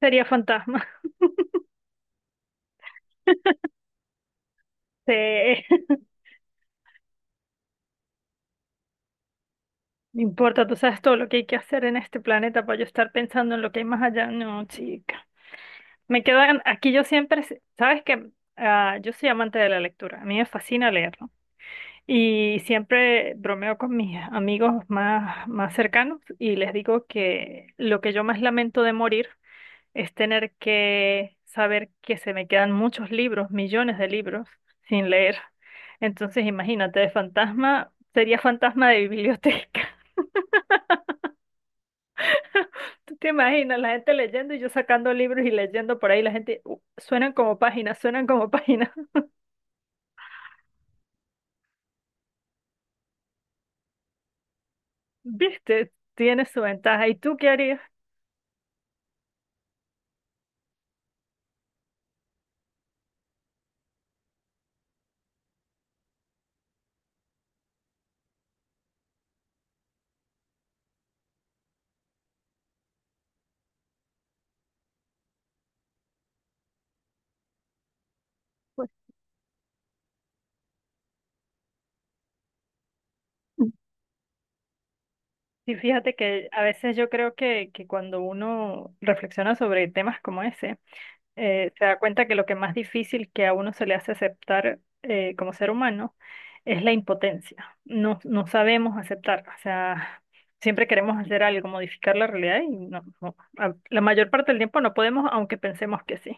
Sería fantasma. Sí, no importa, tú sabes todo lo que hay que hacer en este planeta para yo estar pensando en lo que hay más allá. No, chica. Me quedan, aquí yo siempre, sabes que yo soy amante de la lectura, a mí me fascina leerlo. Y siempre bromeo con mis amigos más cercanos y les digo que lo que yo más lamento de morir es tener que saber que se me quedan muchos libros, millones de libros sin leer. Entonces, imagínate, de fantasma, sería fantasma de biblioteca. ¿Tú te imaginas la gente leyendo y yo sacando libros y leyendo por ahí? La gente, suenan como páginas, suenan como páginas". ¿Viste? Tiene su ventaja. ¿Y tú qué harías? Pues, Sí, fíjate que a veces yo creo que cuando uno reflexiona sobre temas como ese, se da cuenta que lo que más difícil que a uno se le hace aceptar como ser humano es la impotencia. No sabemos aceptar, o sea, siempre queremos hacer algo, modificar la realidad y no, no, a- la mayor parte del tiempo no podemos, aunque pensemos que sí.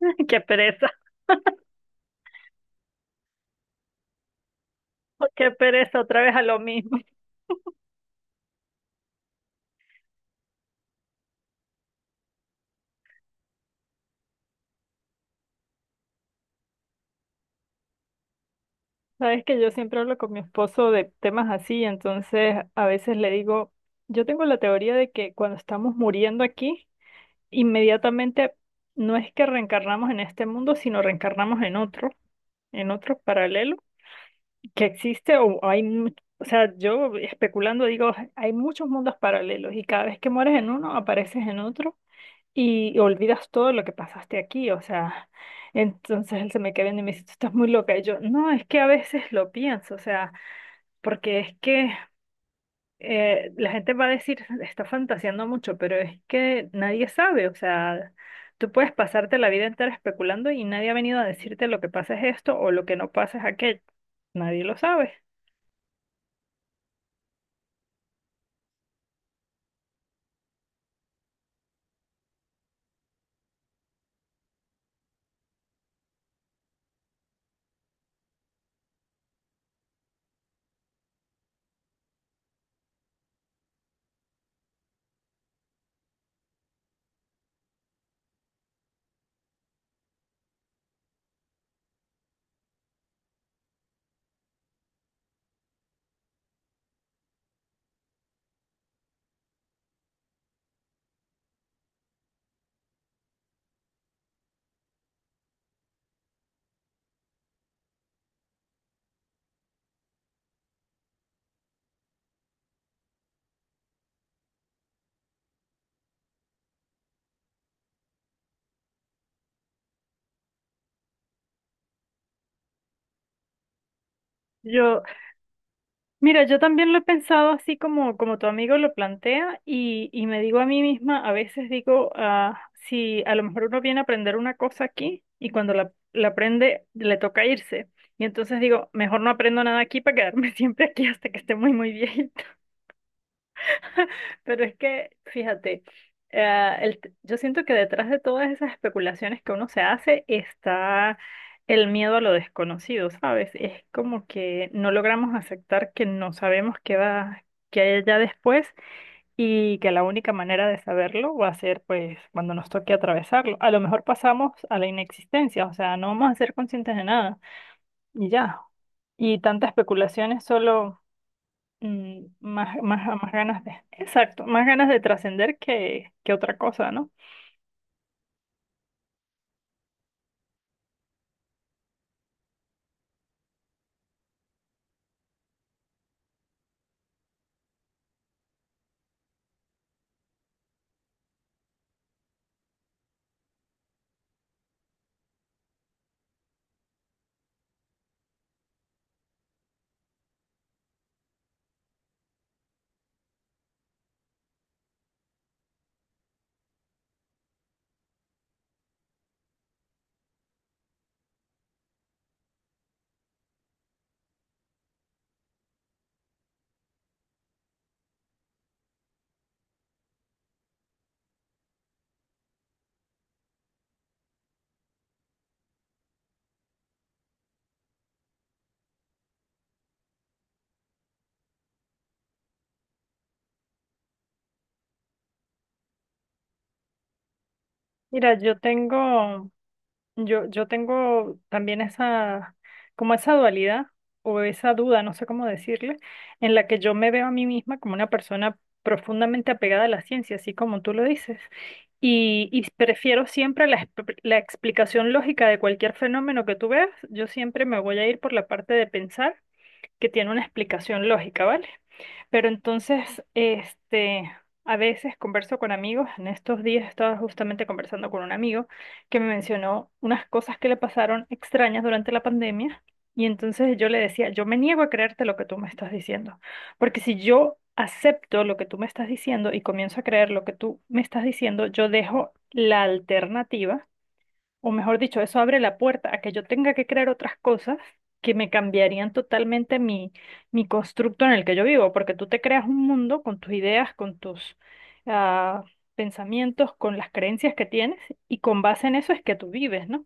Qué pereza, qué pereza, otra vez a lo mismo. Sabes que yo siempre hablo con mi esposo de temas así, entonces a veces le digo, yo tengo la teoría de que cuando estamos muriendo aquí, inmediatamente no es que reencarnamos en este mundo, sino reencarnamos en otro paralelo que existe o hay, o sea, yo especulando digo, hay muchos mundos paralelos y cada vez que mueres en uno apareces en otro y olvidas todo lo que pasaste aquí, o sea, entonces él se me queda viendo y me dice, tú estás muy loca y yo, no, es que a veces lo pienso, o sea, porque es que la gente va a decir, está fantaseando mucho, pero es que nadie sabe, o sea, tú puedes pasarte la vida entera especulando y nadie ha venido a decirte lo que pasa es esto o lo que no pasa es aquello. Nadie lo sabe. Yo, mira, yo también lo he pensado así como, como tu amigo lo plantea y me digo a mí misma, a veces digo, ah, si a lo mejor uno viene a aprender una cosa aquí y cuando la aprende le toca irse. Y entonces digo, mejor no aprendo nada aquí para quedarme siempre aquí hasta que esté muy viejita. Pero es que, fíjate, yo siento que detrás de todas esas especulaciones que uno se hace está el miedo a lo desconocido, ¿sabes? Es como que no logramos aceptar que no sabemos qué hay allá después y que la única manera de saberlo va a ser pues cuando nos toque atravesarlo. A lo mejor pasamos a la inexistencia, o sea, no vamos a ser conscientes de nada y ya. Y tantas especulaciones solo más ganas de, exacto, más ganas de trascender que otra cosa, ¿no? Mira, yo tengo también esa, como esa dualidad o esa duda, no sé cómo decirle, en la que yo me veo a mí misma como una persona profundamente apegada a la ciencia, así como tú lo dices. Y prefiero siempre la explicación lógica de cualquier fenómeno que tú veas. Yo siempre me voy a ir por la parte de pensar que tiene una explicación lógica, ¿vale? Pero entonces, a veces converso con amigos. En estos días estaba justamente conversando con un amigo que me mencionó unas cosas que le pasaron extrañas durante la pandemia. Y entonces yo le decía, yo me niego a creerte lo que tú me estás diciendo. Porque si yo acepto lo que tú me estás diciendo y comienzo a creer lo que tú me estás diciendo, yo dejo la alternativa o mejor dicho, eso abre la puerta a que yo tenga que crear otras cosas que me cambiarían totalmente mi constructo en el que yo vivo, porque tú te creas un mundo con tus ideas, con tus ah, pensamientos, con las creencias que tienes, y con base en eso es que tú vives, ¿no?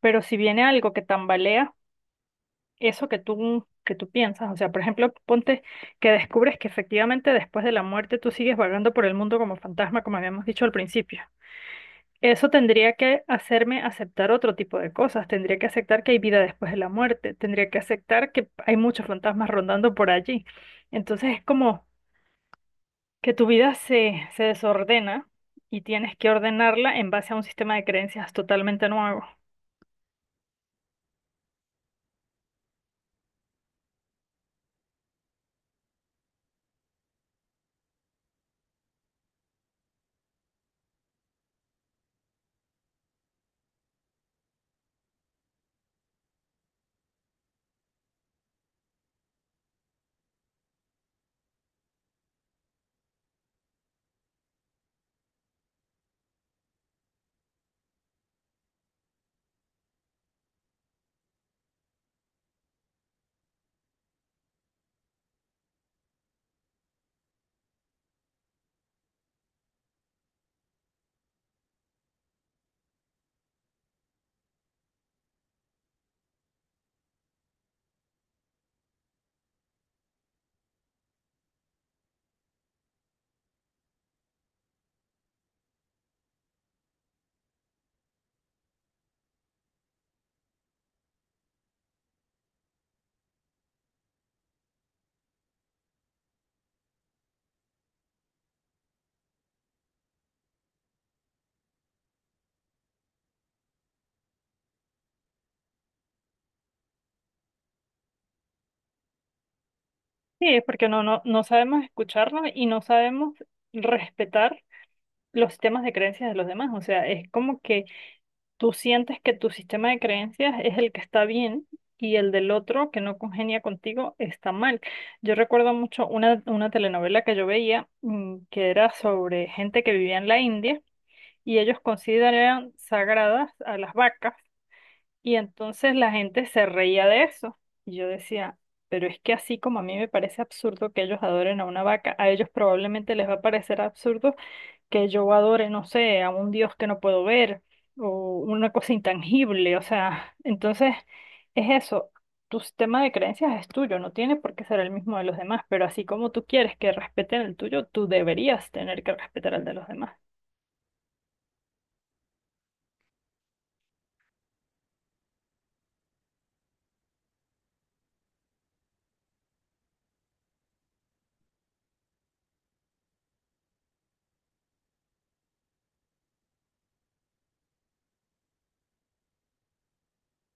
Pero si viene algo que tambalea eso que tú piensas, o sea, por ejemplo, ponte que descubres que efectivamente después de la muerte tú sigues vagando por el mundo como fantasma, como habíamos dicho al principio. Eso tendría que hacerme aceptar otro tipo de cosas. Tendría que aceptar que hay vida después de la muerte. Tendría que aceptar que hay muchos fantasmas rondando por allí. Entonces es como que tu vida se desordena y tienes que ordenarla en base a un sistema de creencias totalmente nuevo. Sí, es porque no sabemos escucharnos y no sabemos respetar los sistemas de creencias de los demás. O sea, es como que tú sientes que tu sistema de creencias es el que está bien y el del otro que no congenia contigo está mal. Yo recuerdo mucho una telenovela que yo veía que era sobre gente que vivía en la India y ellos consideraban sagradas a las vacas y entonces la gente se reía de eso. Y yo decía, pero es que así como a mí me parece absurdo que ellos adoren a una vaca, a ellos probablemente les va a parecer absurdo que yo adore, no sé, a un Dios que no puedo ver o una cosa intangible, o sea, entonces es eso, tu sistema de creencias es tuyo, no tiene por qué ser el mismo de los demás, pero así como tú quieres que respeten el tuyo, tú deberías tener que respetar el de los demás.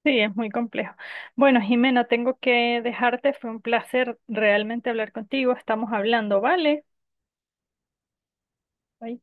Sí, es muy complejo. Bueno, Jimena, tengo que dejarte, fue un placer realmente hablar contigo, estamos hablando, ¿vale? Bye.